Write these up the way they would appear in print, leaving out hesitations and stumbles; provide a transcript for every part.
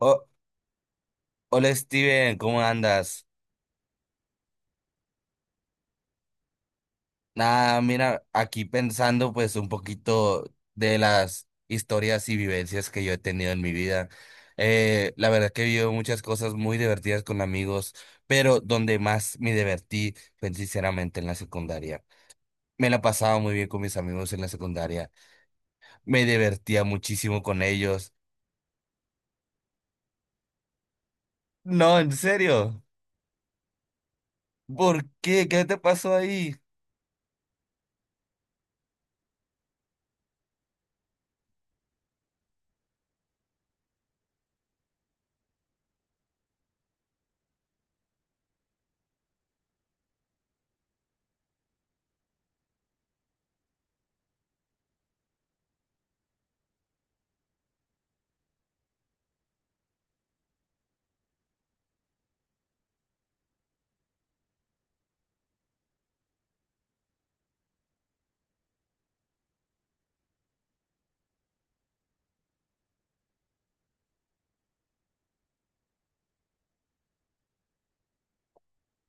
Oh, hola Steven, ¿cómo andas? Nada, mira, aquí pensando pues un poquito de las historias y vivencias que yo he tenido en mi vida. La verdad que he vivido muchas cosas muy divertidas con amigos, pero donde más me divertí fue sinceramente en la secundaria. Me la pasaba muy bien con mis amigos en la secundaria. Me divertía muchísimo con ellos. No, en serio. ¿Por qué? ¿Qué te pasó ahí?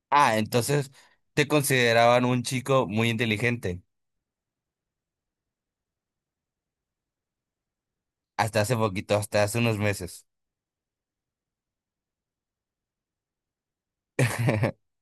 Ah, entonces te consideraban un chico muy inteligente. Hasta hace poquito, hasta hace unos meses.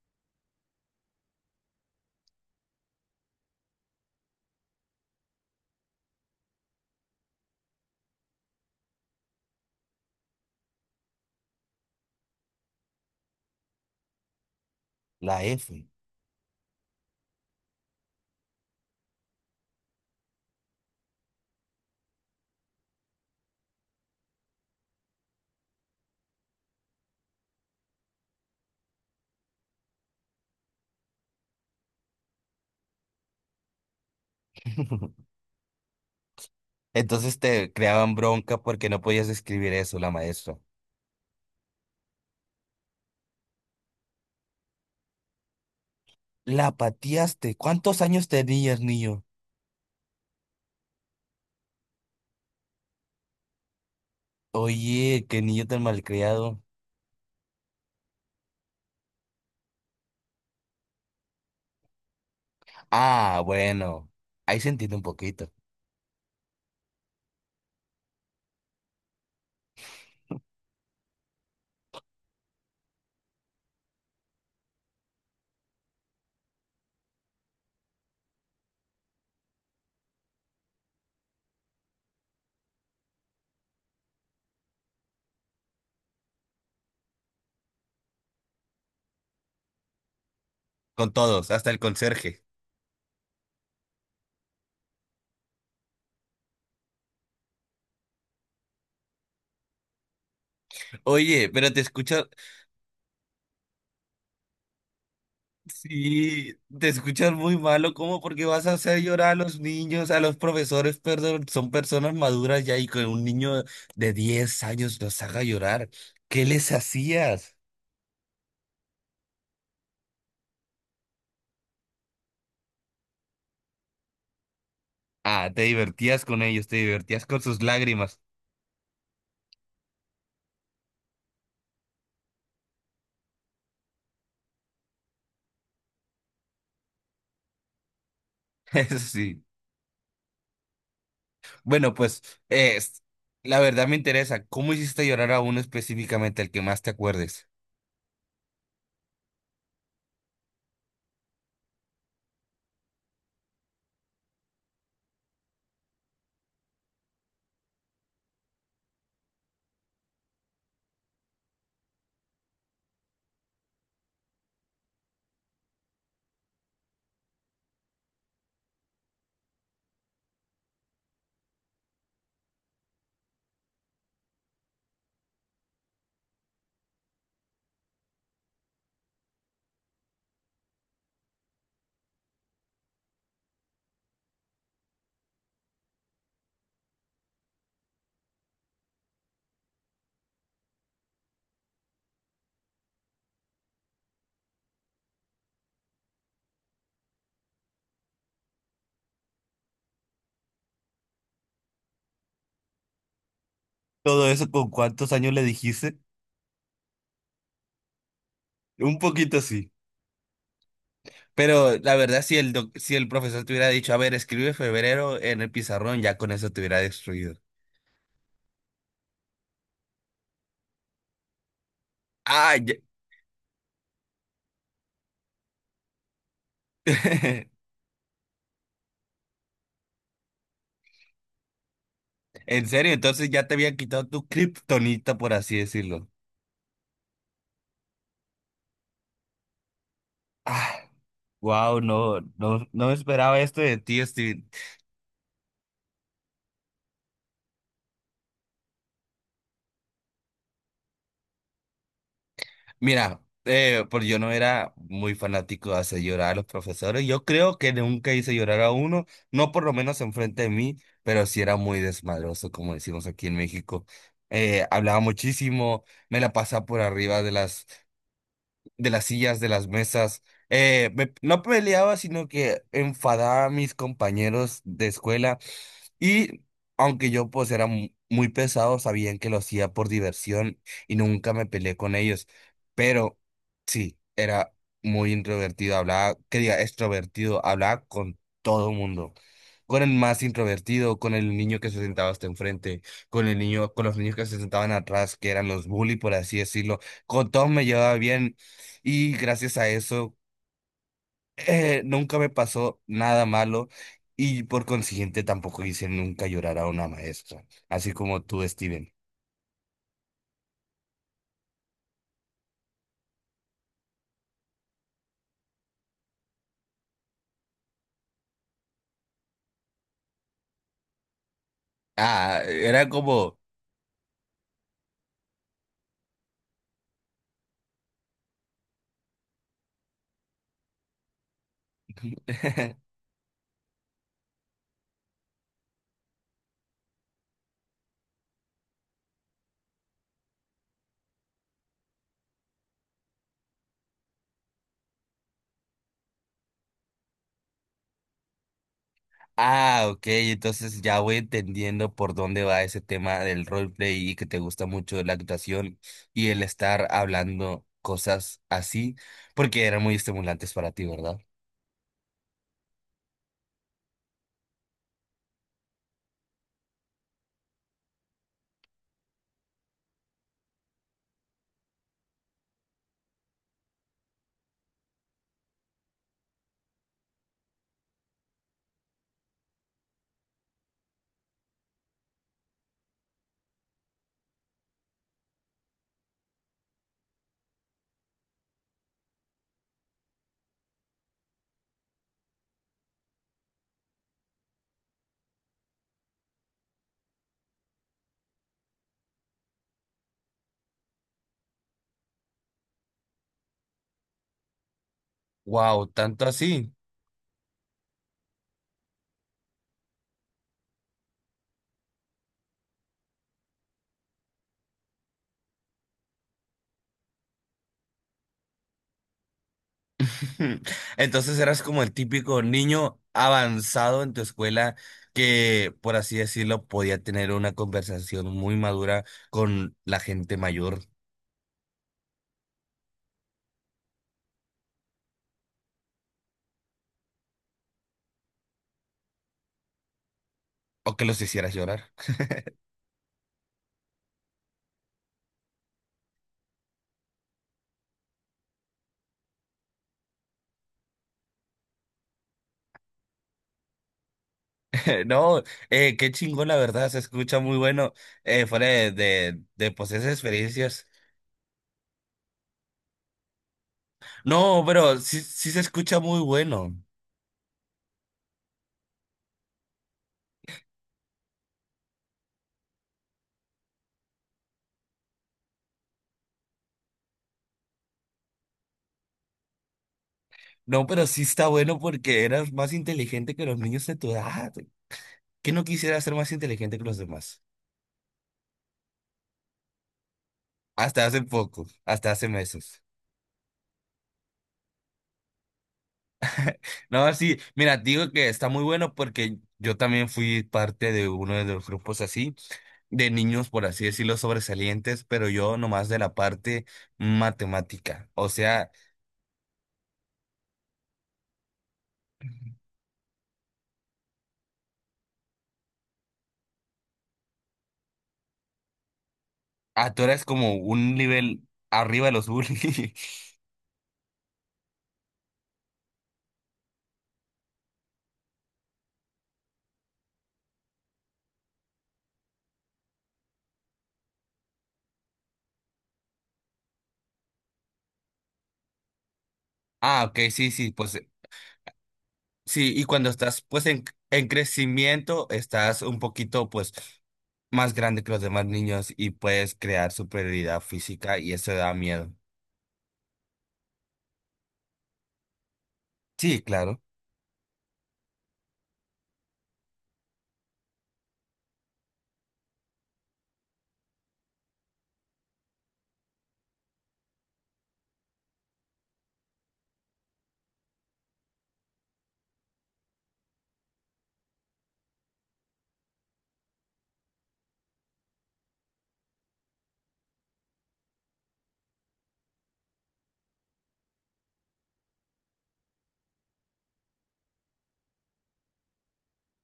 La F. Entonces te creaban bronca porque no podías escribir eso, la maestra. La pateaste. ¿Cuántos años tenías, niño? Oye, qué niño tan malcriado. Ah, bueno. Ahí se entiende un poquito. Con todos, hasta el conserje. Oye, pero te escucho. Sí, te escuchas muy malo, ¿cómo? Porque vas a hacer llorar a los niños, a los profesores, perdón, son personas maduras ya y que un niño de 10 años los haga llorar. ¿Qué les hacías? Ah, te divertías con ellos, te divertías con sus lágrimas. Eso sí. Bueno, pues, es, la verdad me interesa, ¿cómo hiciste llorar a uno específicamente, el que más te acuerdes? ¿Todo eso con cuántos años le dijiste? Un poquito sí. Pero la verdad, si el profesor te hubiera dicho, a ver, escribe febrero en el pizarrón, ya con eso te hubiera destruido. Ah, ya- en serio, entonces ya te había quitado tu kriptonita, por así decirlo. Ah, wow, no, no, no me esperaba esto de ti, Steve. Mira, pues yo no era muy fanático de hacer llorar a los profesores. Yo creo que nunca hice llorar a uno, no por lo menos enfrente de mí, pero sí era muy desmadroso, como decimos aquí en México. Hablaba muchísimo, me la pasaba por arriba de las sillas, de las mesas. No peleaba, sino que enfadaba a mis compañeros de escuela y aunque yo pues era muy pesado, sabían que lo hacía por diversión y nunca me peleé con ellos. Pero sí, era muy introvertido, hablaba, que diga, extrovertido, hablaba con todo el mundo. Con el más introvertido, con el niño que se sentaba hasta enfrente, con el niño, con los niños que se sentaban atrás, que eran los bully, por así decirlo. Con todos me llevaba bien y gracias a eso nunca me pasó nada malo y por consiguiente tampoco hice nunca llorar a una maestra, así como tú, Steven. Ah, era como... Ah, ok, entonces ya voy entendiendo por dónde va ese tema del roleplay y que te gusta mucho la actuación y el estar hablando cosas así, porque eran muy estimulantes para ti, ¿verdad? Wow, tanto así. Entonces eras como el típico niño avanzado en tu escuela que, por así decirlo, podía tener una conversación muy madura con la gente mayor o que los hicieras llorar. No, qué chingón, la verdad, se escucha muy bueno, fuera de, pues esas experiencias. No, pero sí, sí se escucha muy bueno. No, pero sí está bueno porque eras más inteligente que los niños de tu edad. ¿Qué no quisieras ser más inteligente que los demás? Hasta hace poco, hasta hace meses. No, sí, mira, digo que está muy bueno porque yo también fui parte de uno de los grupos así, de niños, por así decirlo, sobresalientes, pero yo nomás de la parte matemática. O sea, ah, tú eres como un nivel arriba de los bullies. Ah, ok, sí, sí, pues sí, y cuando estás pues en crecimiento, estás un poquito pues más grande que los demás niños y puedes crear superioridad física y eso da miedo. Sí, claro.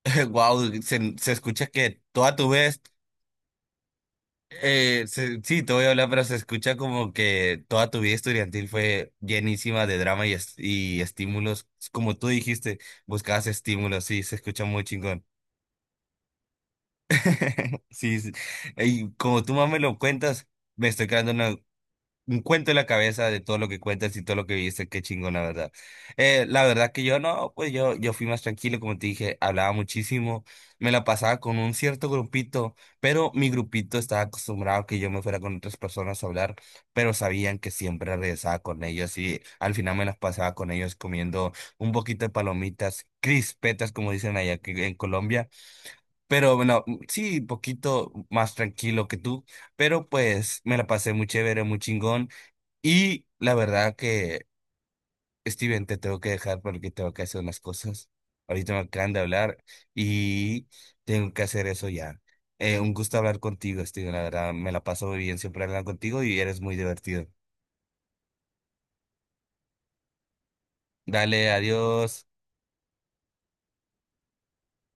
Wow, se escucha que toda tu vez, sí, te voy a hablar, pero se escucha como que toda tu vida estudiantil fue llenísima de drama y, y estímulos. Como tú dijiste, buscabas estímulos, sí, se escucha muy chingón. Sí, sí. Y como tú más me lo cuentas, me estoy quedando un cuento en la cabeza de todo lo que cuentas y todo lo que viste, qué chingón, la verdad. La verdad que yo no, pues yo fui más tranquilo, como te dije, hablaba muchísimo, me la pasaba con un cierto grupito, pero mi grupito estaba acostumbrado a que yo me fuera con otras personas a hablar, pero sabían que siempre regresaba con ellos y al final me las pasaba con ellos comiendo un poquito de palomitas, crispetas, como dicen allá en Colombia, pero bueno, sí, poquito más tranquilo que tú, pero pues me la pasé muy chévere, muy chingón. Y la verdad que, Steven, te tengo que dejar porque tengo que hacer unas cosas. Ahorita me acaban de hablar y tengo que hacer eso ya. Un gusto hablar contigo, Steven. La verdad, me la paso muy bien siempre hablando contigo y eres muy divertido. Dale, adiós.